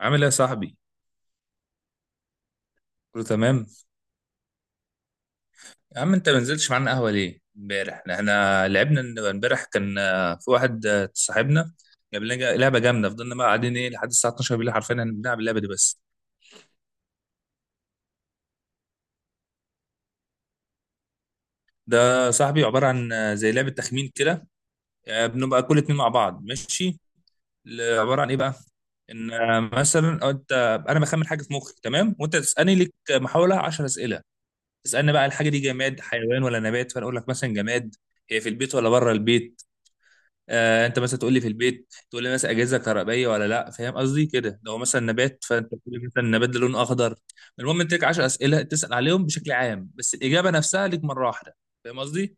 عامل ايه يا صاحبي؟ كله تمام؟ يا عم انت ما نزلتش معانا قهوة ليه؟ امبارح احنا لعبنا امبارح كان في واحد صاحبنا جاب لنا لعبة جامدة فضلنا بقى قاعدين ايه لحد الساعة 12 بالليل، حرفيا احنا بنلعب اللعبة دي بس. ده صاحبي عبارة عن زي لعبة تخمين كده. بنبقى كل اتنين مع بعض، ماشي؟ عبارة عن ايه بقى؟ ان مثلا انت، انا بخمن حاجة في مخي تمام؟ وانت تسألني، لك محاولة 10 أسئلة. تسألني بقى الحاجة دي جماد حيوان ولا نبات، فانا اقول لك مثلا جماد. هي في البيت ولا بره البيت؟ آه، انت مثلا تقول لي في البيت، تقول لي مثلا اجهزه كهربائيه ولا لا، فاهم قصدي كده؟ لو مثلا نبات فانت تقول لي مثلا النبات ده لونه اخضر. المهم انت لك 10 اسئله تسال عليهم بشكل عام، بس الاجابه نفسها ليك مره واحده، فاهم قصدي؟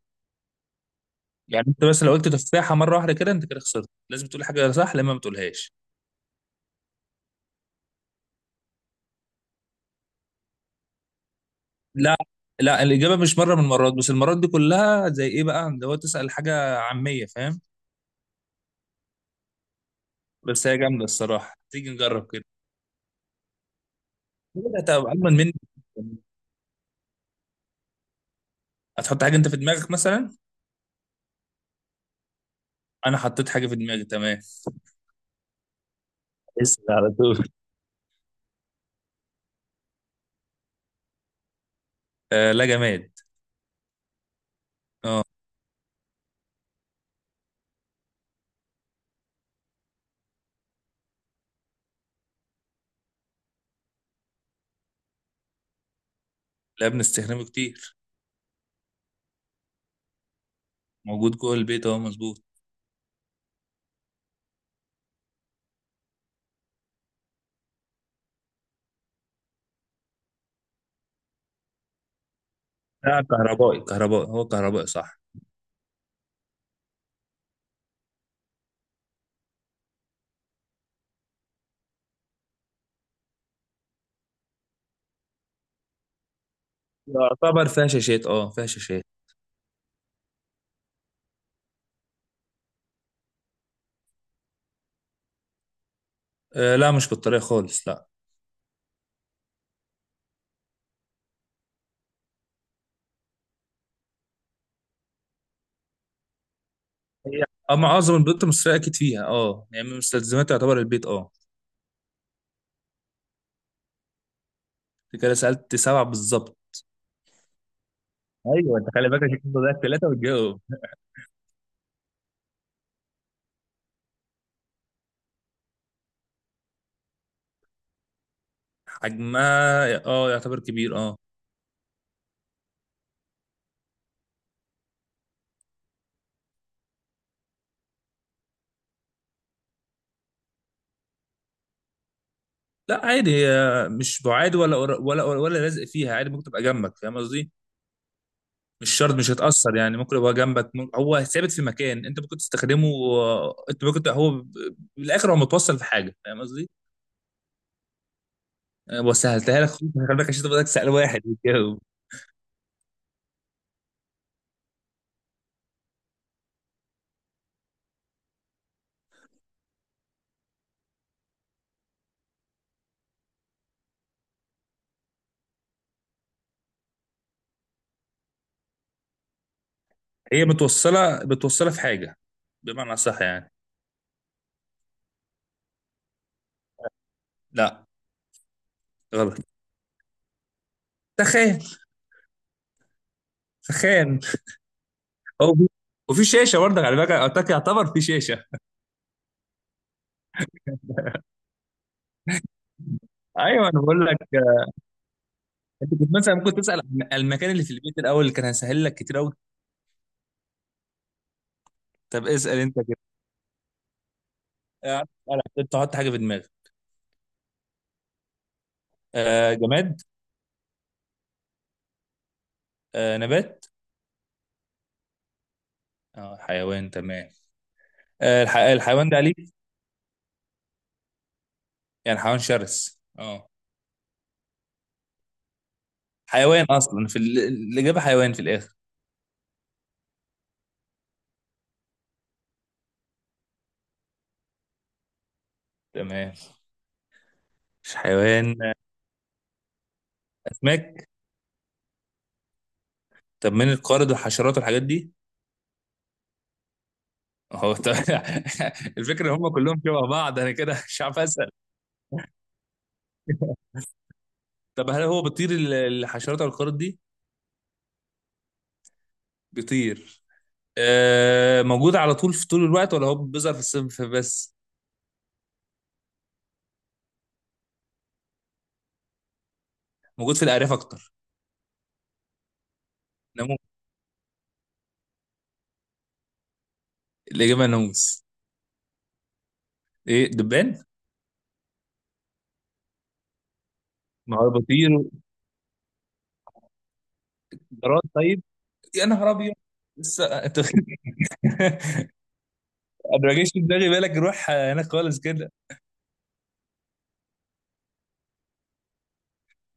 يعني انت بس لو قلت تفاحه مره واحده كده انت كده خسرت، لازم تقول حاجه صح لما ما تقولهاش. لا. لا، الاجابه مش مره من المرات، بس المرات دي كلها زي ايه بقى اللي هو تسال حاجه عاميه، فاهم؟ بس هي جامده الصراحه، تيجي نجرب كده. كده هتبقى اجمل مني. هتحط حاجه انت في دماغك مثلا. انا حطيت حاجه في دماغي، تمام. اسأل على طول. آه، لا جماد. اه. لا بنستخدمه كتير. موجود جوه البيت، اهو مظبوط. لا كهربائي، كهربائي هو كهربائي صح. يعتبر فيها شاشات، اه فيها شاشات. آه، لا مش بالطريقة خالص، لا. هي، اه معظم البيوت المصرية اكيد فيها، اه يعني من مستلزمات يعتبر البيت، اه. انت كده سألت سبعة بالظبط. ايوه، انت خلي بالك عشان كده ضيعت ثلاثه، وتجاوب. حجمها اه يعتبر كبير، اه. لا عادي، هي مش بعاد ولا قر- ولا ولا لازق فيها، عادي ممكن تبقى جنبك، فاهم قصدي؟ مش شرط مش هتأثر، يعني ممكن يبقى جنبك، هو ثابت في مكان انت ممكن تستخدمه. انت ممكن هو بالاخر هو متوصل في حاجه، فاهم قصدي؟ وسهلتها لك، خليك عشان تبقى سأل واحد يتجاوب. هي متوصله في حاجه، بمعنى صح يعني. لا غلط. تخان. تخان. هو في- وفي شاشه برضك على فكره، أعتقد يعتبر في شاشه. ايوه انا بقول لك. انت كنت مثلا ممكن تسال عن المكان اللي في البيت الاول، اللي كان هسهل لك كتير قوي. طب اسال انت كده. اسأل، تحط حاجه في دماغك. آه، جماد. آه، نبات. اه، حيوان تمام. آه، الحيوان ده أليف؟ يعني حيوان شرس، اه. حيوان أصلا في الإجابة حيوان في الآخر. تمام، مش حيوان. أسماك. طب من القارد والحشرات والحاجات دي. هو طب... الفكرة إن هم كلهم شبه بعض، أنا كده مش عارف أسأل. طب هل هو بيطير، الحشرات او القارد دي؟ بيطير. آه، موجود على طول في طول الوقت ولا هو بيظهر في الصيف بس؟ موجود في الأعراف أكتر. ناموس. الإجابة ناموس. إيه دبان؟ ما هو بيطير. جراد طيب. يا نهار ابيض. لسه انت انا ما جاش في دماغي بالك نروح هناك خالص كده.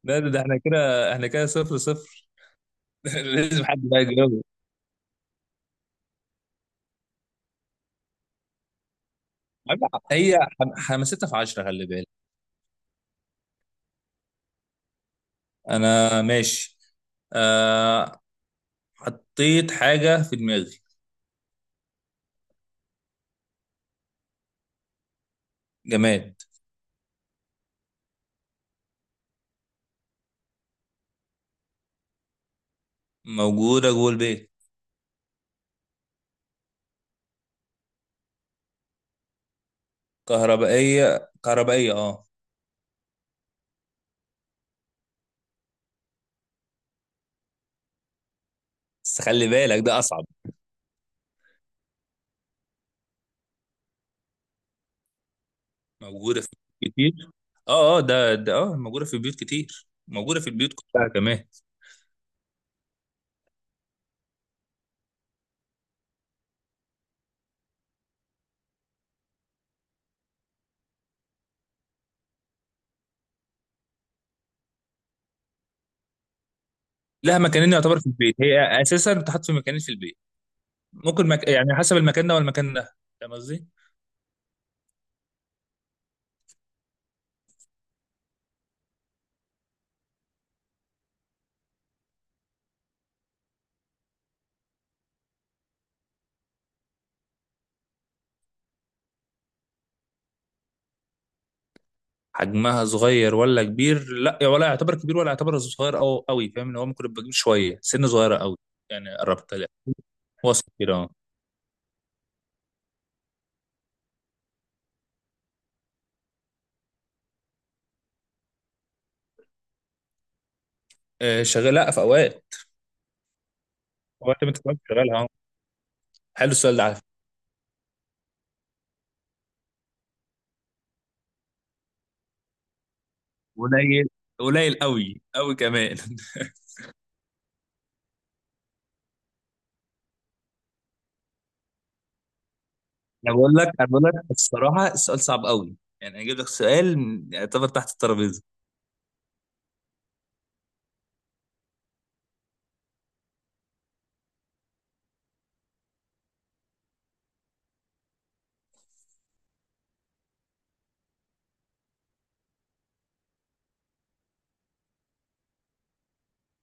لا ده, ده احنا كده، احنا كده صفر صفر. لازم حد بقى يجاوب. هي حماستها في 10، خلي بالك. انا ماشي. آه، حطيت حاجة في دماغي. جماد. موجودة جوه البيت. كهربائية اه. بس خلي بالك ده أصعب. موجودة في بيوت كتير. اه ده موجودة في بيوت كتير، موجودة في البيوت كلها كمان. لا مكانين يعتبر في البيت، هي اساسا بتحط في مكانين في البيت. ممكن يعني حسب المكان ده والمكان ده، فاهم قصدي؟ حجمها صغير ولا كبير؟ لا ولا يعتبر كبير ولا يعتبر صغير او قوي، فاهم ان هو ممكن يبقى كبير شويه، سن صغيره قوي. يعني قربت لا، وسط كده اه. شغال لا في اوقات. اوقات، ما انت كمان شغالها اه. حلو السؤال ده على فكره. قليل، قليل قوي قوي كمان. انا بقول لك الصراحه السؤال صعب قوي، يعني اجيب لك سؤال يعتبر تحت الترابيزه.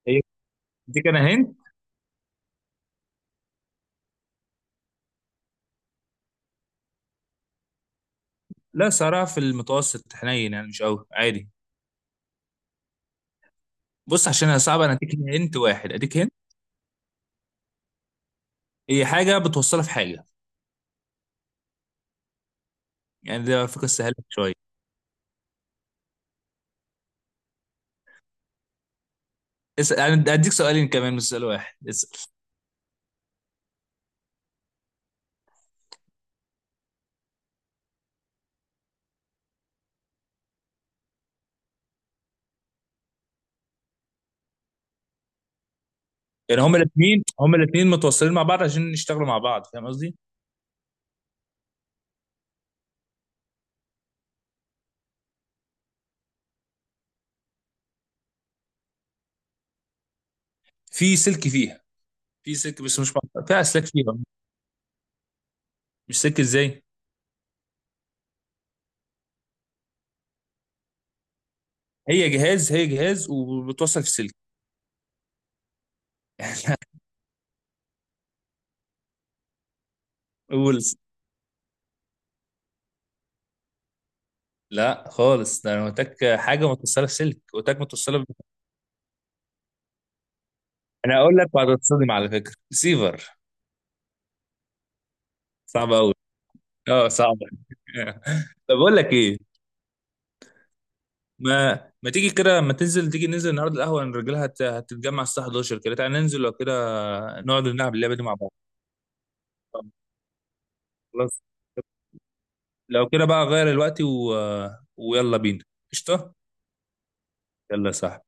هي دي كان هنت. لا صراحة في المتوسط حنين، يعني مش قوي عادي. بص عشان هي صعبة انا اديك هنت، واحد اديك هنت. هي حاجة بتوصلها في حاجة، يعني ده فكرة سهلة شوية. اسأل، انا اديك سؤالين كمان مش سؤال واحد، اسأل. يعني هما الاثنين متوصلين مع بعض عشان يشتغلوا مع بعض، فاهم قصدي؟ في سلك فيها. في سلك بس مش مع... فيها اسلاك فيها. مش سلك ازاي؟ هي جهاز وبتوصل في سلك. قول. لا خالص، ده انا قلت لك حاجة متوصلة في سلك، قلت لك متوصلة انا اقول لك وهتتصدم على فكرة، ريسيفر. صعب قوي. اه صعب. طب اقول لك ايه، ما ما تيجي كده، ما تنزل تيجي ننزل النهارده القهوه، إن الرجاله هتتجمع الساعه 11 كده، تعالى ننزل لو كده نقعد نلعب اللعبه دي مع بعض. خلاص لو كده بقى غير الوقت و... ويلا بينا. قشطه. يلا صح.